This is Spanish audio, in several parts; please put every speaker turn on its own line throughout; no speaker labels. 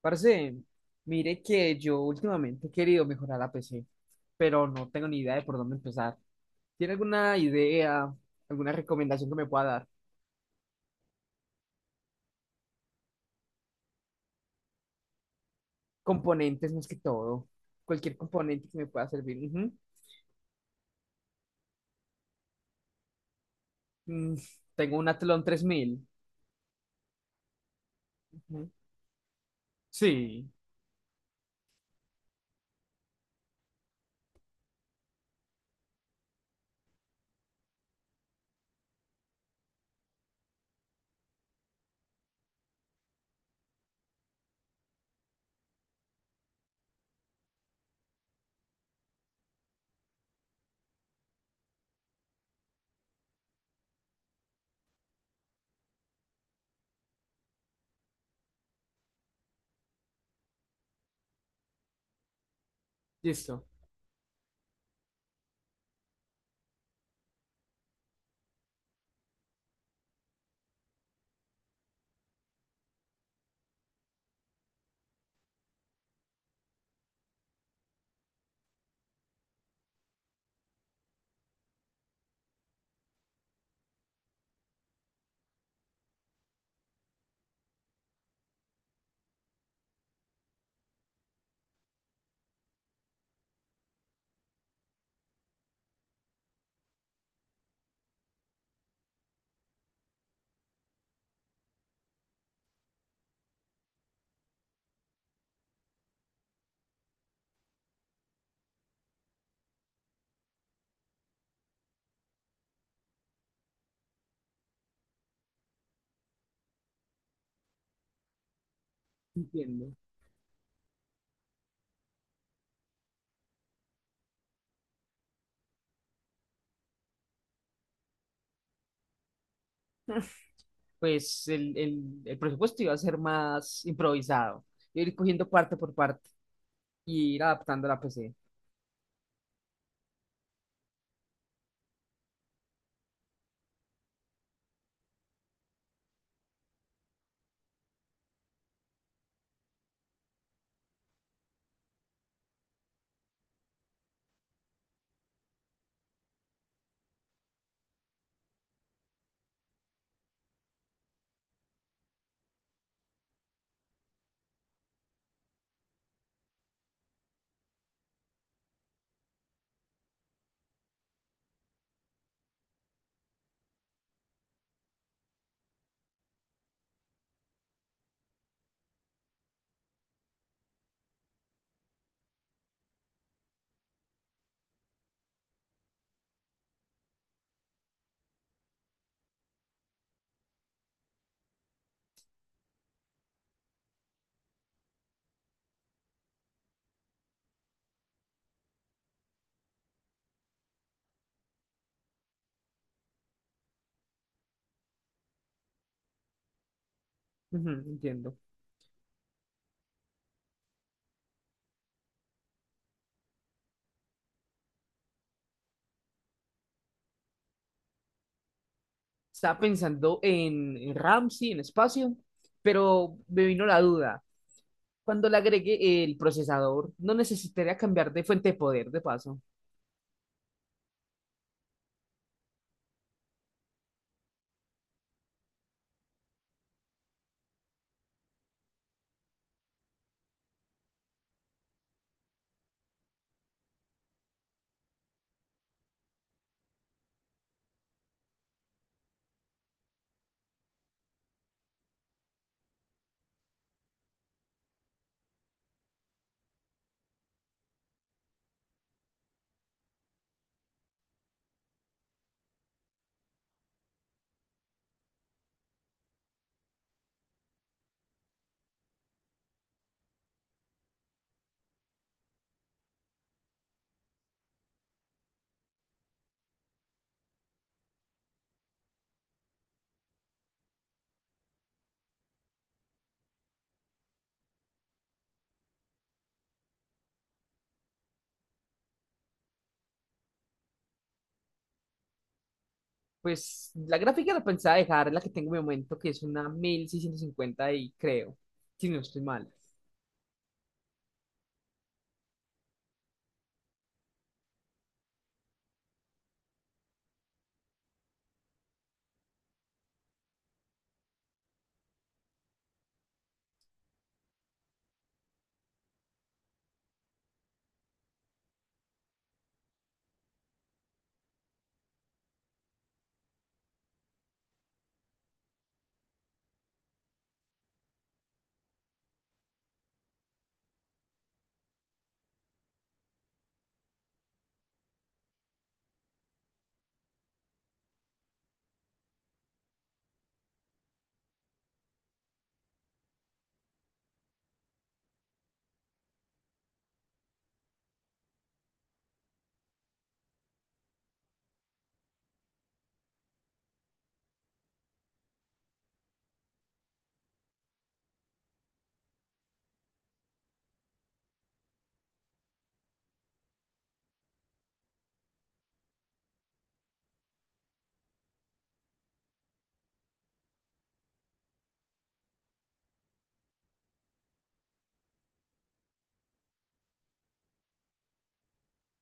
Parce, mire que yo últimamente he querido mejorar la PC, pero no tengo ni idea de por dónde empezar. ¿Tiene alguna idea, alguna recomendación que me pueda dar? Componentes más que todo. Cualquier componente que me pueda servir. Ujú. Mm, Tengo un Athlon 3000. Ujú. Sí, listo. Entiendo. Pues el presupuesto iba a ser más improvisado. Ir cogiendo parte por parte y ir adaptando la PC. Ujú, entiendo. Estaba pensando en Ramsey, en espacio, pero me vino la duda. Cuando le agregue el procesador, no necesitaría cambiar de fuente de poder, de paso. Pues la gráfica la pensaba dejar, la que tengo en mi momento, que es una 1650 y creo, si no estoy mal.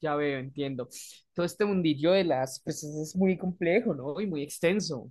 Ya veo, entiendo. Todo este mundillo de las pues es muy complejo, ¿no? Y muy extenso.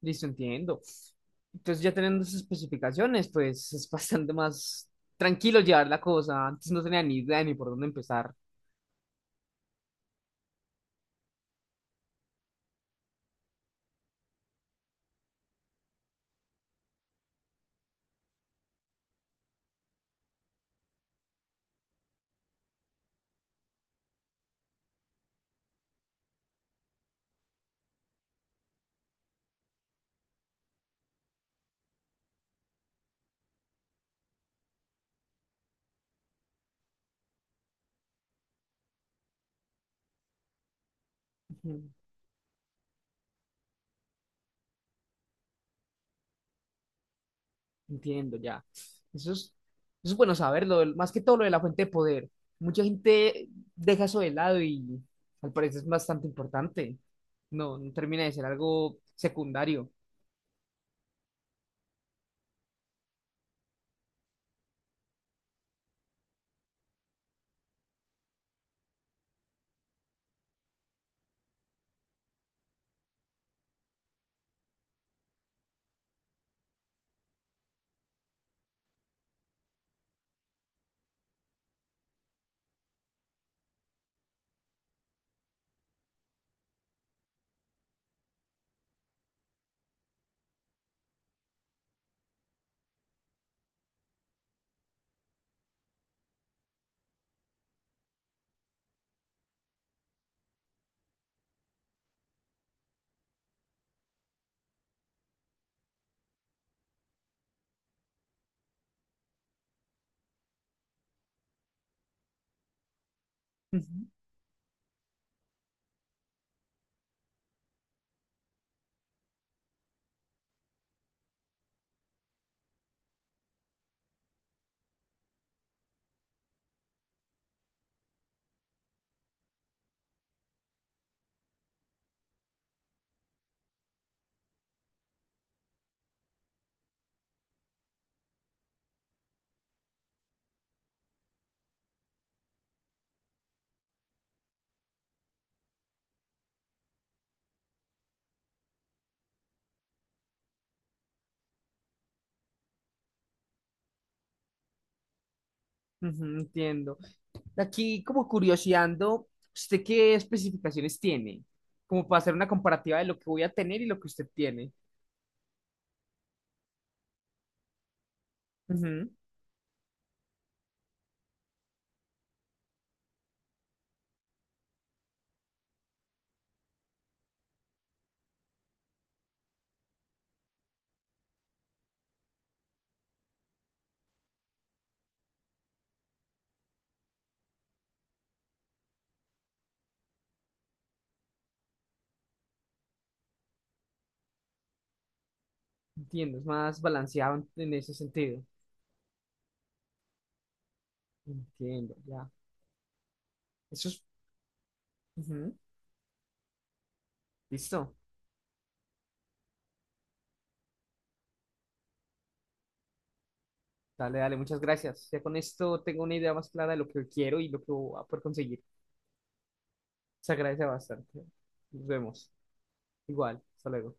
Listo, entiendo. Entonces ya teniendo esas especificaciones, pues es bastante más tranquilo llevar la cosa. Antes no tenía ni idea ni por dónde empezar. Ujú. Entiendo ya. Eso es, eso es bueno saberlo, el más que todo lo de la fuente de poder. Mucha gente deja eso de lado y al parecer es bastante importante. No, no termina de ser algo secundario. Ujú, entiendo. Aquí, como curioseando, ¿usted qué especificaciones tiene? Como para hacer una comparativa de lo que voy a tener y lo que usted tiene. Ujú. Entiendo, es más balanceado en ese sentido. Entiendo, ya. Eso es. Ujú. Listo. Dale, dale, muchas gracias. Ya con esto tengo una idea más clara de lo que quiero y lo que voy a poder conseguir. Se agradece bastante. Nos vemos. Igual, hasta luego.